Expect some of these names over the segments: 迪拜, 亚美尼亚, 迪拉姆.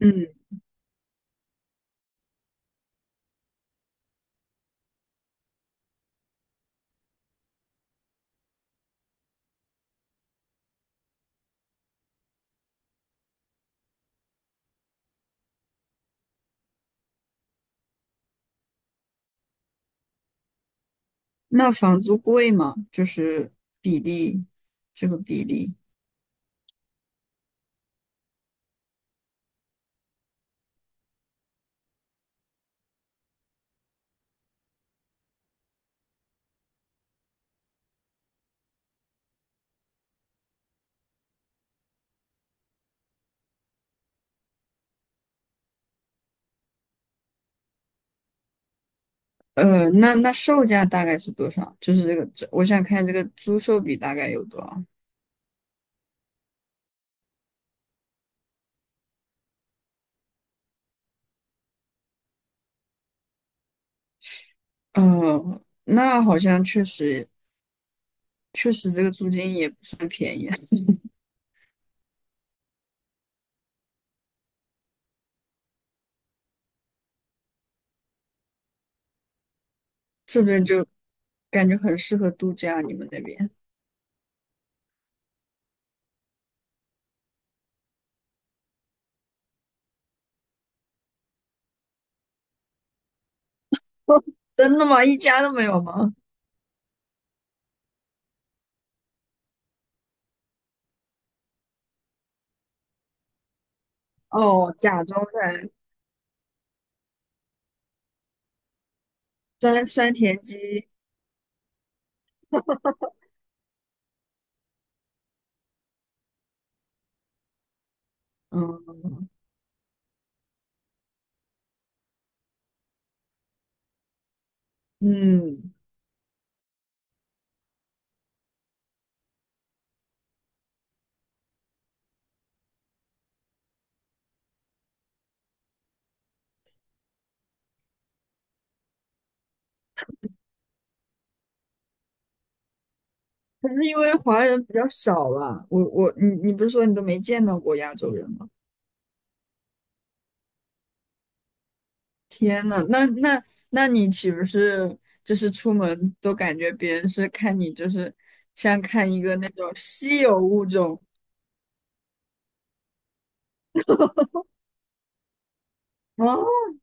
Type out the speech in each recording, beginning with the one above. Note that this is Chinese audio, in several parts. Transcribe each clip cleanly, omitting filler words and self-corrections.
嗯，那房租贵吗？就是比例，这个比例，呃，那售价大概是多少？就是这个，这我想看这个租售比大概有多少？呃，那好像确实确实这个租金也不算便宜，这边感觉很适合度假，你们那边？真的吗？一家都没有吗？哦，假装的酸酸甜鸡，嗯嗯，可是因为华人比较少吧，我你不是说你都没见到过亚洲人吗？天呐，那那你岂不是就是出门都感觉别人是看你就是像看一个那种稀有物种啊？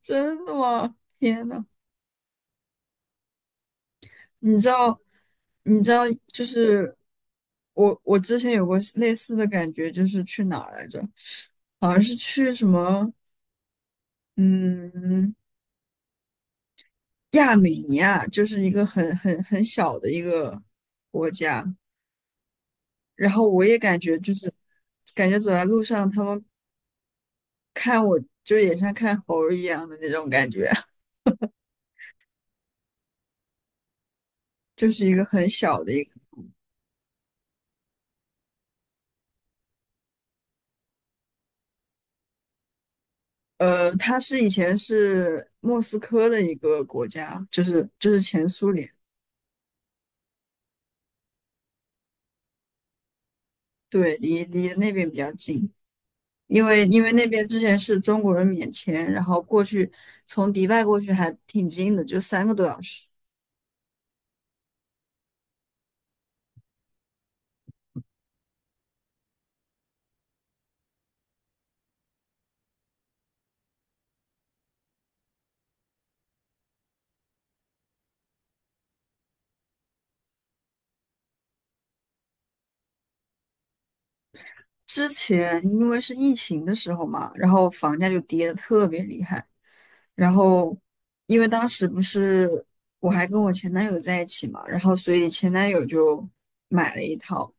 真的吗？天呐，你知道你知道就是我之前有过类似的感觉，就是去哪儿来着？好像是去什么嗯。亚美尼亚就是一个很很很小的一个国家，然后我也感觉就是感觉走在路上，他们看我就也像看猴儿一样的那种感觉，就是一个很小的一个呃，它是以前是莫斯科的一个国家，就是前苏联，对，离那边比较近，因为那边之前是中国人免签，然后过去从迪拜过去还挺近的，就3个多小时。之前因为是疫情的时候嘛，然后房价就跌得特别厉害。然后因为当时不是我还跟我前男友在一起嘛，然后所以前男友就买了一套。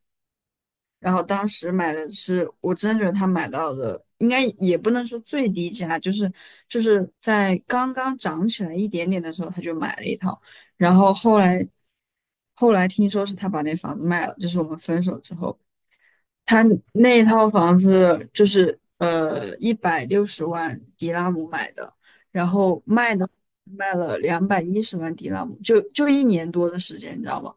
然后当时买的是，我真的觉得他买到的应该也不能说最低价，就是就是在刚刚涨起来一点点的时候他就买了一套。然后后来听说是他把那房子卖了，就是我们分手之后。他那套房子就是呃160万迪拉姆买的，然后卖的卖了210万迪拉姆，就就1年多的时间，你知道吗？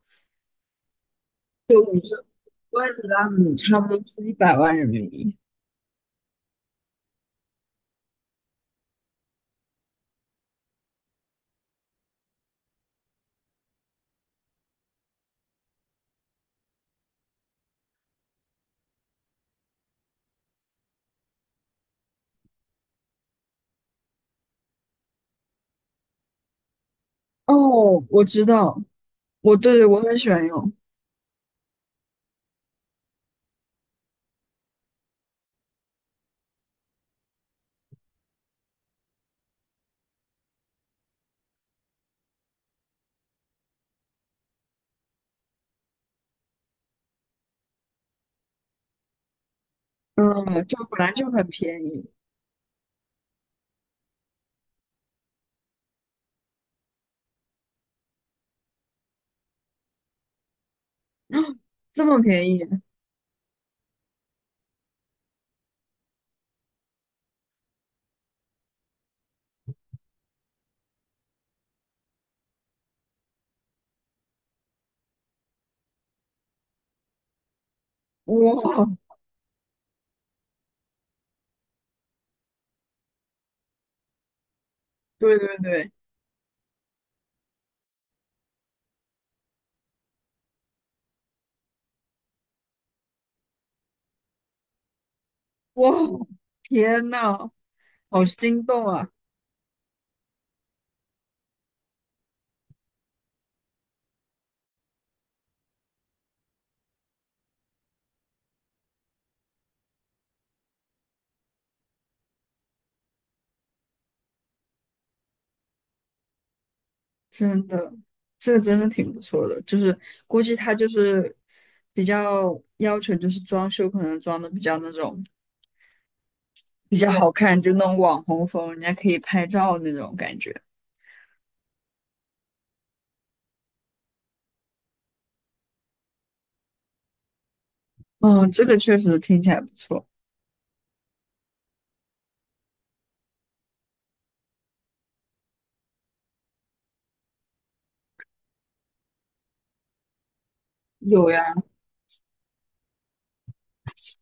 1万迪拉姆差不多是100万人民币。哦，我知道，我对对，我很喜欢用，嗯，就本来就很便宜，这么便宜，哇，对对对，哇，天呐，好心动啊！真的，这个真的挺不错的，就是估计他就是比较要求，就是装修可能装的比较那种比较好看，就那种网红风，人家可以拍照那种感觉。嗯，这个确实听起来不错。有呀，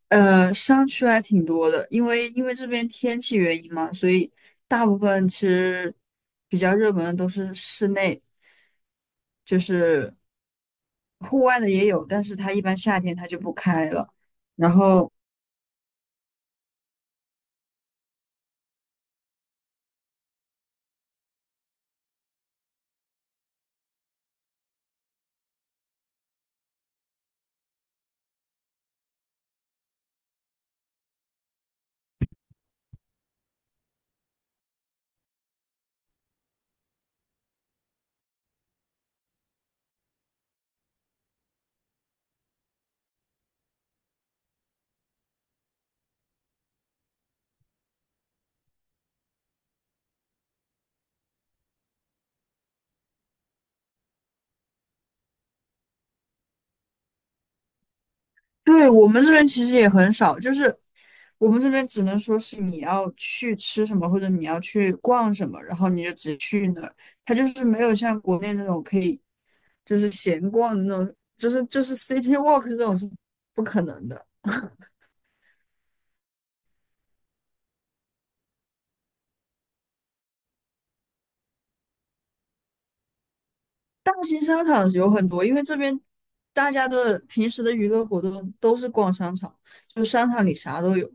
呃，商区还挺多的，因为这边天气原因嘛，所以大部分其实比较热门的都是室内，就是户外的也有，但是它一般夏天它就不开了。然后对，我们这边其实也很少，就是我们这边只能说是你要去吃什么，或者你要去逛什么，然后你就只去那儿。它就是没有像国内那种可以就是闲逛的那种，就是 city walk 这种是不可能的。大型商场有很多，因为这边大家的平时的娱乐活动都是逛商场，就是商场里啥都有。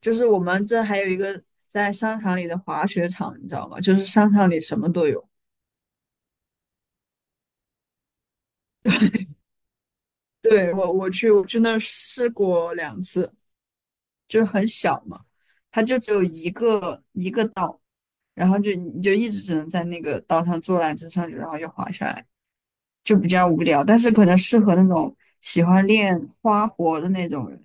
就是我们这还有一个在商场里的滑雪场，你知道吗？就是商场里什么都有。对，我去那儿试过2次，就是很小嘛，它就只有一个一个岛，然后就你就一直只能在那个岛上坐缆车上去，然后又滑下来，就比较无聊。但是可能适合那种喜欢练花活的那种人。